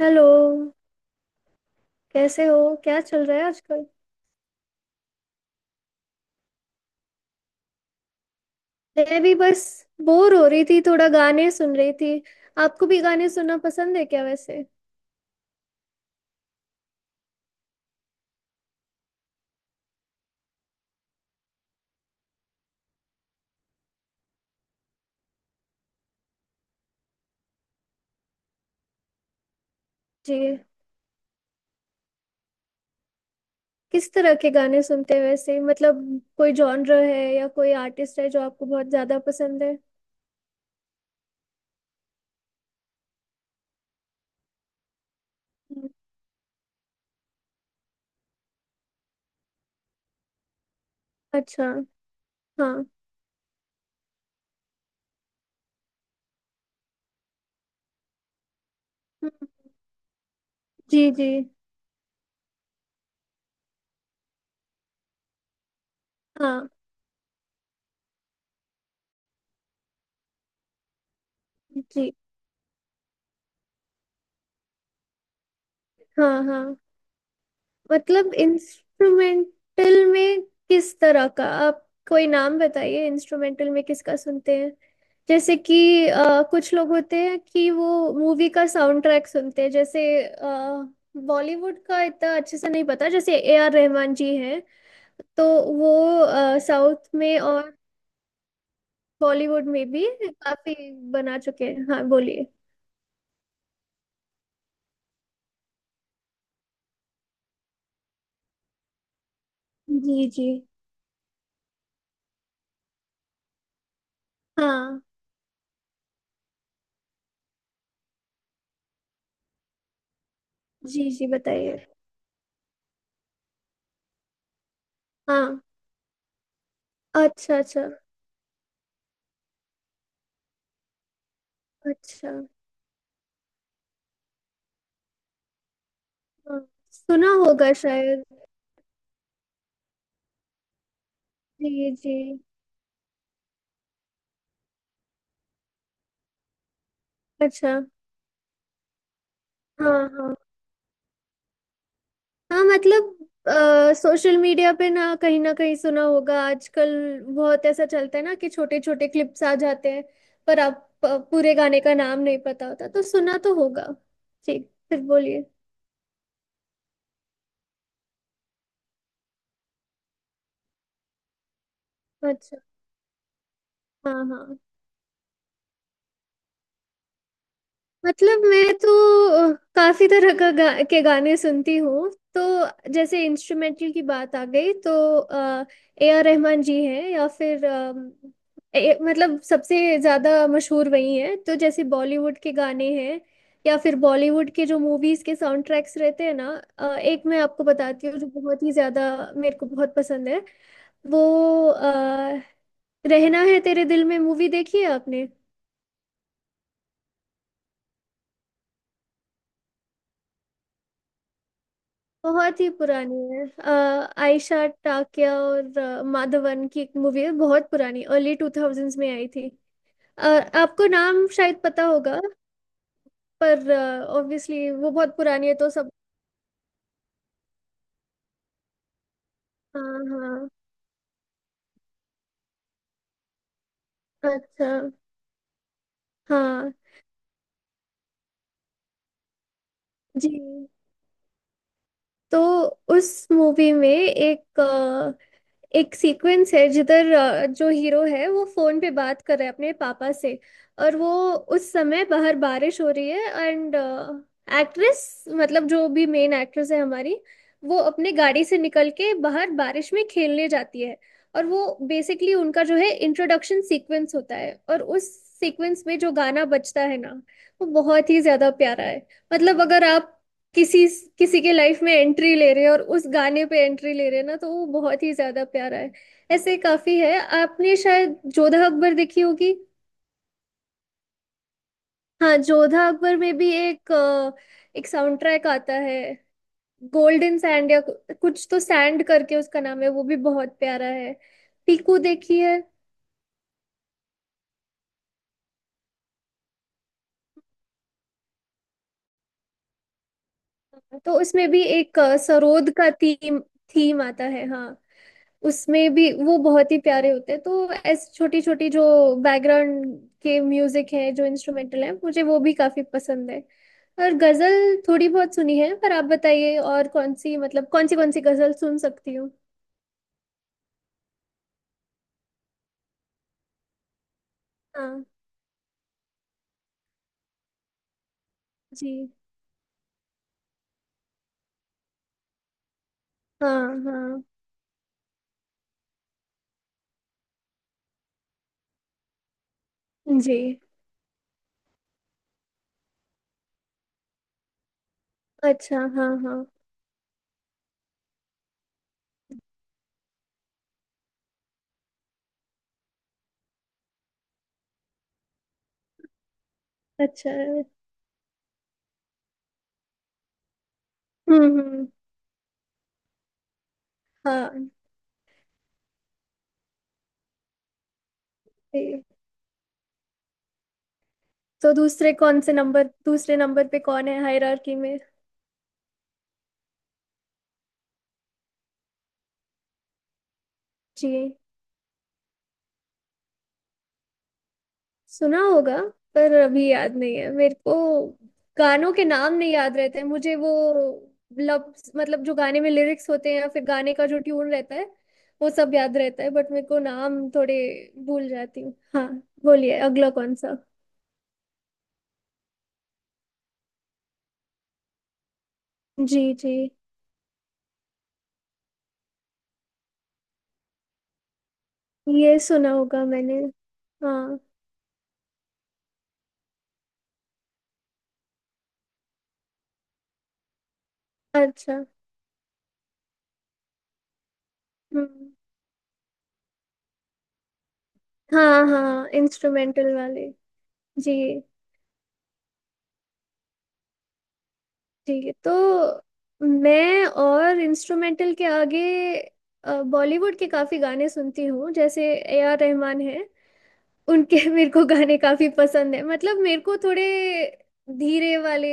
Hello. कैसे हो, क्या चल रहा है आजकल। मैं भी बस बोर हो रही थी, थोड़ा गाने सुन रही थी। आपको भी गाने सुनना पसंद है क्या वैसे। जी। किस तरह के गाने सुनते हैं वैसे, मतलब कोई जॉनर है या कोई आर्टिस्ट है जो आपको बहुत ज्यादा पसंद है। हम्म। अच्छा। हाँ। हम्म। जी जी। हाँ। जी। हाँ हाँ। मतलब इंस्ट्रूमेंटल में किस तरह का आप कोई नाम बताइए, इंस्ट्रूमेंटल में किसका सुनते हैं। जैसे कि कुछ लोग होते हैं कि वो मूवी का साउंड ट्रैक सुनते हैं, जैसे बॉलीवुड का इतना अच्छे से नहीं पता, जैसे ए आर रहमान जी हैं। तो वो साउथ में और बॉलीवुड में भी काफी बना चुके हैं। हाँ, बोलिए। जी जी। हाँ। जी जी, बताइए। हाँ। अच्छा अच्छा। अच्छा। हाँ, सुना होगा शायद। जी जी। अच्छा। हाँ हाँ। हाँ, मतलब सोशल मीडिया पे ना, कहीं ना कहीं सुना होगा। आजकल बहुत ऐसा चलता है ना कि छोटे छोटे क्लिप्स आ जाते हैं, पर आप पूरे गाने का नाम नहीं पता होता, तो सुना तो होगा। ठीक, फिर बोलिए। अच्छा। हाँ हाँ। मतलब मैं तो काफी तरह का के गाने सुनती हूँ। तो जैसे इंस्ट्रूमेंटल की बात आ गई, तो ए आर रहमान जी हैं, या फिर मतलब सबसे ज्यादा मशहूर वही हैं। तो जैसे बॉलीवुड के गाने हैं, या फिर बॉलीवुड के जो मूवीज के साउंड ट्रैक्स रहते हैं ना। एक मैं आपको बताती हूँ जो बहुत ही ज्यादा मेरे को बहुत पसंद है। वो अ, रहना है तेरे दिल में, मूवी देखी है आपने। बहुत ही पुरानी है, आयशा टाकिया और माधवन की एक मूवी है, बहुत पुरानी, अर्ली टू थाउजेंड्स में आई थी। अ, आपको नाम शायद पता होगा, पर ऑब्वियसली वो बहुत पुरानी है तो सब। हाँ हाँ। अच्छा। हाँ। जी। तो उस मूवी में एक एक सीक्वेंस है जिधर जो हीरो है वो फोन पे बात कर रहा है अपने पापा से, और वो उस समय बाहर बारिश हो रही है, एंड एक्ट्रेस, मतलब जो भी मेन एक्ट्रेस है हमारी, वो अपने गाड़ी से निकल के बाहर बारिश में खेलने जाती है। और वो बेसिकली उनका जो है इंट्रोडक्शन सीक्वेंस होता है, और उस सीक्वेंस में जो गाना बजता है ना, वो बहुत ही ज्यादा प्यारा है। मतलब अगर आप किसी किसी के लाइफ में एंट्री ले रहे हैं, और उस गाने पे एंट्री ले रहे हैं ना, तो वो बहुत ही ज्यादा प्यारा है। ऐसे काफी है, आपने शायद जोधा अकबर देखी होगी। हाँ, जोधा अकबर में भी एक एक साउंड ट्रैक आता है, गोल्डन सैंड या कुछ तो सैंड करके उसका नाम है, वो भी बहुत प्यारा है। पीकू देखी है। तो उसमें भी एक सरोद का थीम थीम आता है। हाँ, उसमें भी वो बहुत ही प्यारे होते हैं। तो ऐसी छोटी छोटी जो बैकग्राउंड के म्यूजिक है, जो इंस्ट्रूमेंटल है, मुझे वो भी काफी पसंद है। और गजल थोड़ी बहुत सुनी है, पर आप बताइए, और कौन सी, मतलब कौन सी गजल सुन सकती हूँ। हाँ। जी। हाँ हाँ। जी। अच्छा। हाँ हाँ। अच्छा। हम्म। हम्म। हाँ। जी। तो दूसरे कौन से नंबर, दूसरे नंबर पे कौन है हायरार्की में। जी। सुना होगा, पर अभी याद नहीं है मेरे को। गानों के नाम नहीं याद रहते हैं मुझे, वो लफ्ज मतलब जो गाने में लिरिक्स होते हैं या फिर गाने का जो ट्यून रहता है वो सब याद रहता है, बट मेरे को नाम थोड़े भूल जाती हूँ। हाँ, बोलिए अगला कौन सा। जी जी। ये सुना होगा मैंने। हाँ। अच्छा। हम्म। हाँ हाँ, इंस्ट्रूमेंटल वाले। जी। ठीक है। तो मैं, और इंस्ट्रूमेंटल के आगे बॉलीवुड के काफी गाने सुनती हूँ, जैसे ए आर रहमान है। उनके मेरे को गाने काफी पसंद है, मतलब मेरे को थोड़े धीरे वाले,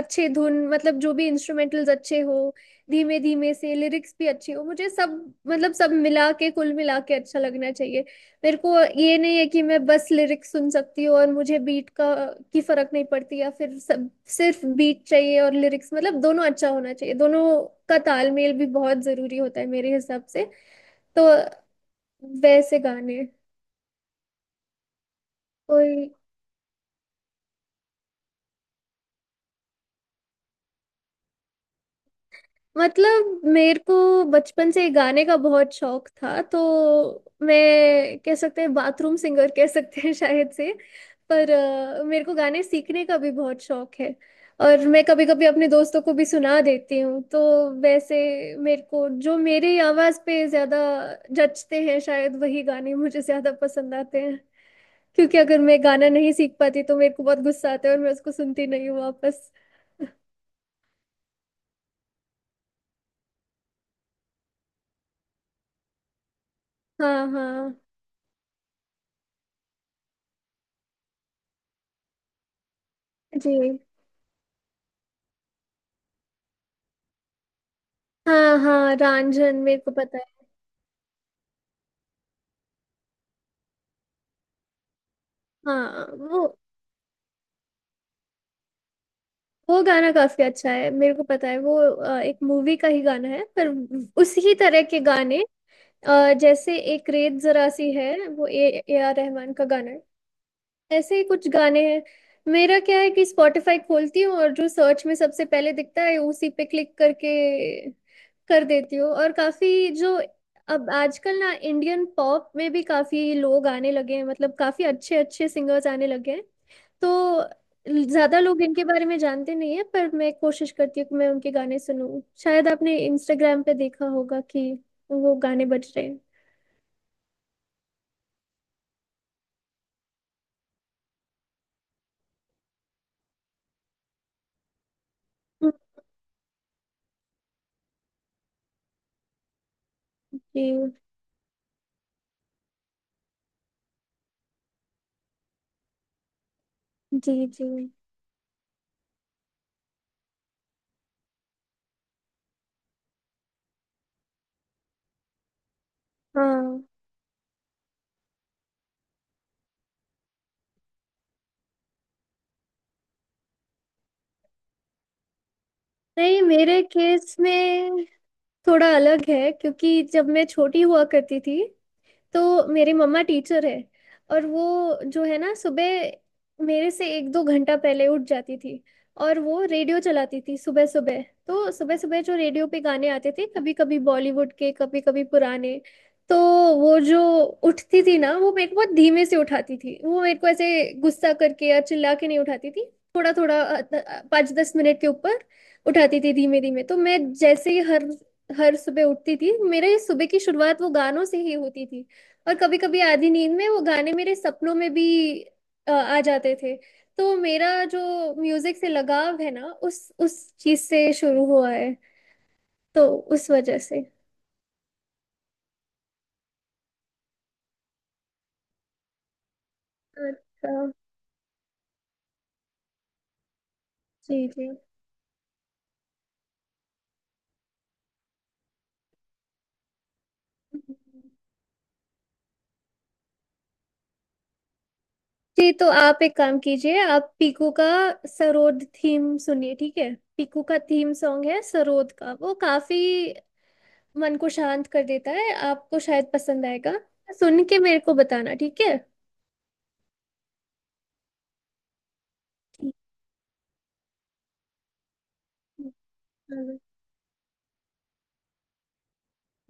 अच्छे धुन, मतलब जो भी इंस्ट्रूमेंटल्स अच्छे हो, धीमे धीमे से लिरिक्स भी अच्छी हो, मुझे सब, मतलब सब मिला के, कुल मिला के अच्छा लगना चाहिए मेरे को। ये नहीं है कि मैं बस लिरिक्स सुन सकती हूँ और मुझे बीट का की फर्क नहीं पड़ती, या फिर सब सिर्फ बीट चाहिए और लिरिक्स। मतलब दोनों अच्छा होना चाहिए, दोनों का तालमेल भी बहुत जरूरी होता है मेरे हिसाब से। तो वैसे गाने, मतलब मेरे को बचपन से गाने का बहुत शौक था, तो मैं कह सकते हैं बाथरूम सिंगर कह सकते हैं शायद से। पर मेरे को गाने सीखने का भी बहुत शौक है, और मैं कभी कभी अपने दोस्तों को भी सुना देती हूँ। तो वैसे मेरे को जो मेरी आवाज़ पे ज़्यादा जचते हैं, शायद वही गाने मुझे ज़्यादा पसंद आते हैं। क्योंकि अगर मैं गाना नहीं सीख पाती तो मेरे को बहुत गुस्सा आता है, और मैं उसको सुनती नहीं हूँ वापस। हाँ हाँ। जी। हाँ हाँ, रांझन मेरे को पता है। हाँ, वो गाना काफी अच्छा है, मेरे को पता है। वो एक मूवी का ही गाना है, पर उसी ही तरह के गाने, जैसे एक रेत जरा सी है, वो ए ए आर रहमान का गाना है। ऐसे ही कुछ गाने हैं। मेरा क्या है कि स्पॉटिफाई खोलती हूँ और जो सर्च में सबसे पहले दिखता है उसी पे क्लिक करके कर देती हूँ। और काफी जो, अब आजकल ना इंडियन पॉप में भी काफी लोग आने लगे हैं, मतलब काफी अच्छे अच्छे सिंगर्स आने लगे हैं। तो ज्यादा लोग इनके बारे में जानते नहीं है, पर मैं कोशिश करती हूँ कि मैं उनके गाने सुनूं। शायद आपने इंस्टाग्राम पे देखा होगा कि वो गाने बज रहे हैं। हम्म। जी जी। जी। हाँ। नहीं, मेरे केस में थोड़ा अलग है क्योंकि जब मैं छोटी हुआ करती थी, तो मेरी मम्मा टीचर है, और वो जो है ना, सुबह मेरे से 1-2 घंटा पहले उठ जाती थी, और वो रेडियो चलाती थी सुबह सुबह। तो सुबह सुबह जो रेडियो पे गाने आते थे, कभी कभी बॉलीवुड के, कभी कभी पुराने। तो वो जो उठती थी ना, वो मेरे को बहुत धीमे से उठाती थी, वो मेरे को ऐसे गुस्सा करके या चिल्ला के नहीं उठाती थी, थोड़ा थोड़ा 5-10 मिनट के ऊपर उठाती थी, धीमे धीमे। तो मैं जैसे ही हर हर सुबह उठती थी, मेरे सुबह की शुरुआत वो गानों से ही होती थी, और कभी कभी आधी नींद में वो गाने मेरे सपनों में भी आ जाते थे। तो मेरा जो म्यूजिक से लगाव है ना, उस चीज से शुरू हुआ है, तो उस वजह से। अच्छा। जी जी। जी तो आप एक काम कीजिए, आप पीकू का सरोद थीम सुनिए, ठीक है। पीकू का थीम सॉन्ग है सरोद का, वो काफी मन को शांत कर देता है। आपको शायद पसंद आएगा, सुन के मेरे को बताना, ठीक है। ठीक है।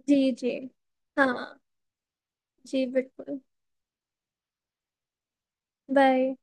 जी जी। हाँ। जी बिल्कुल। बाय।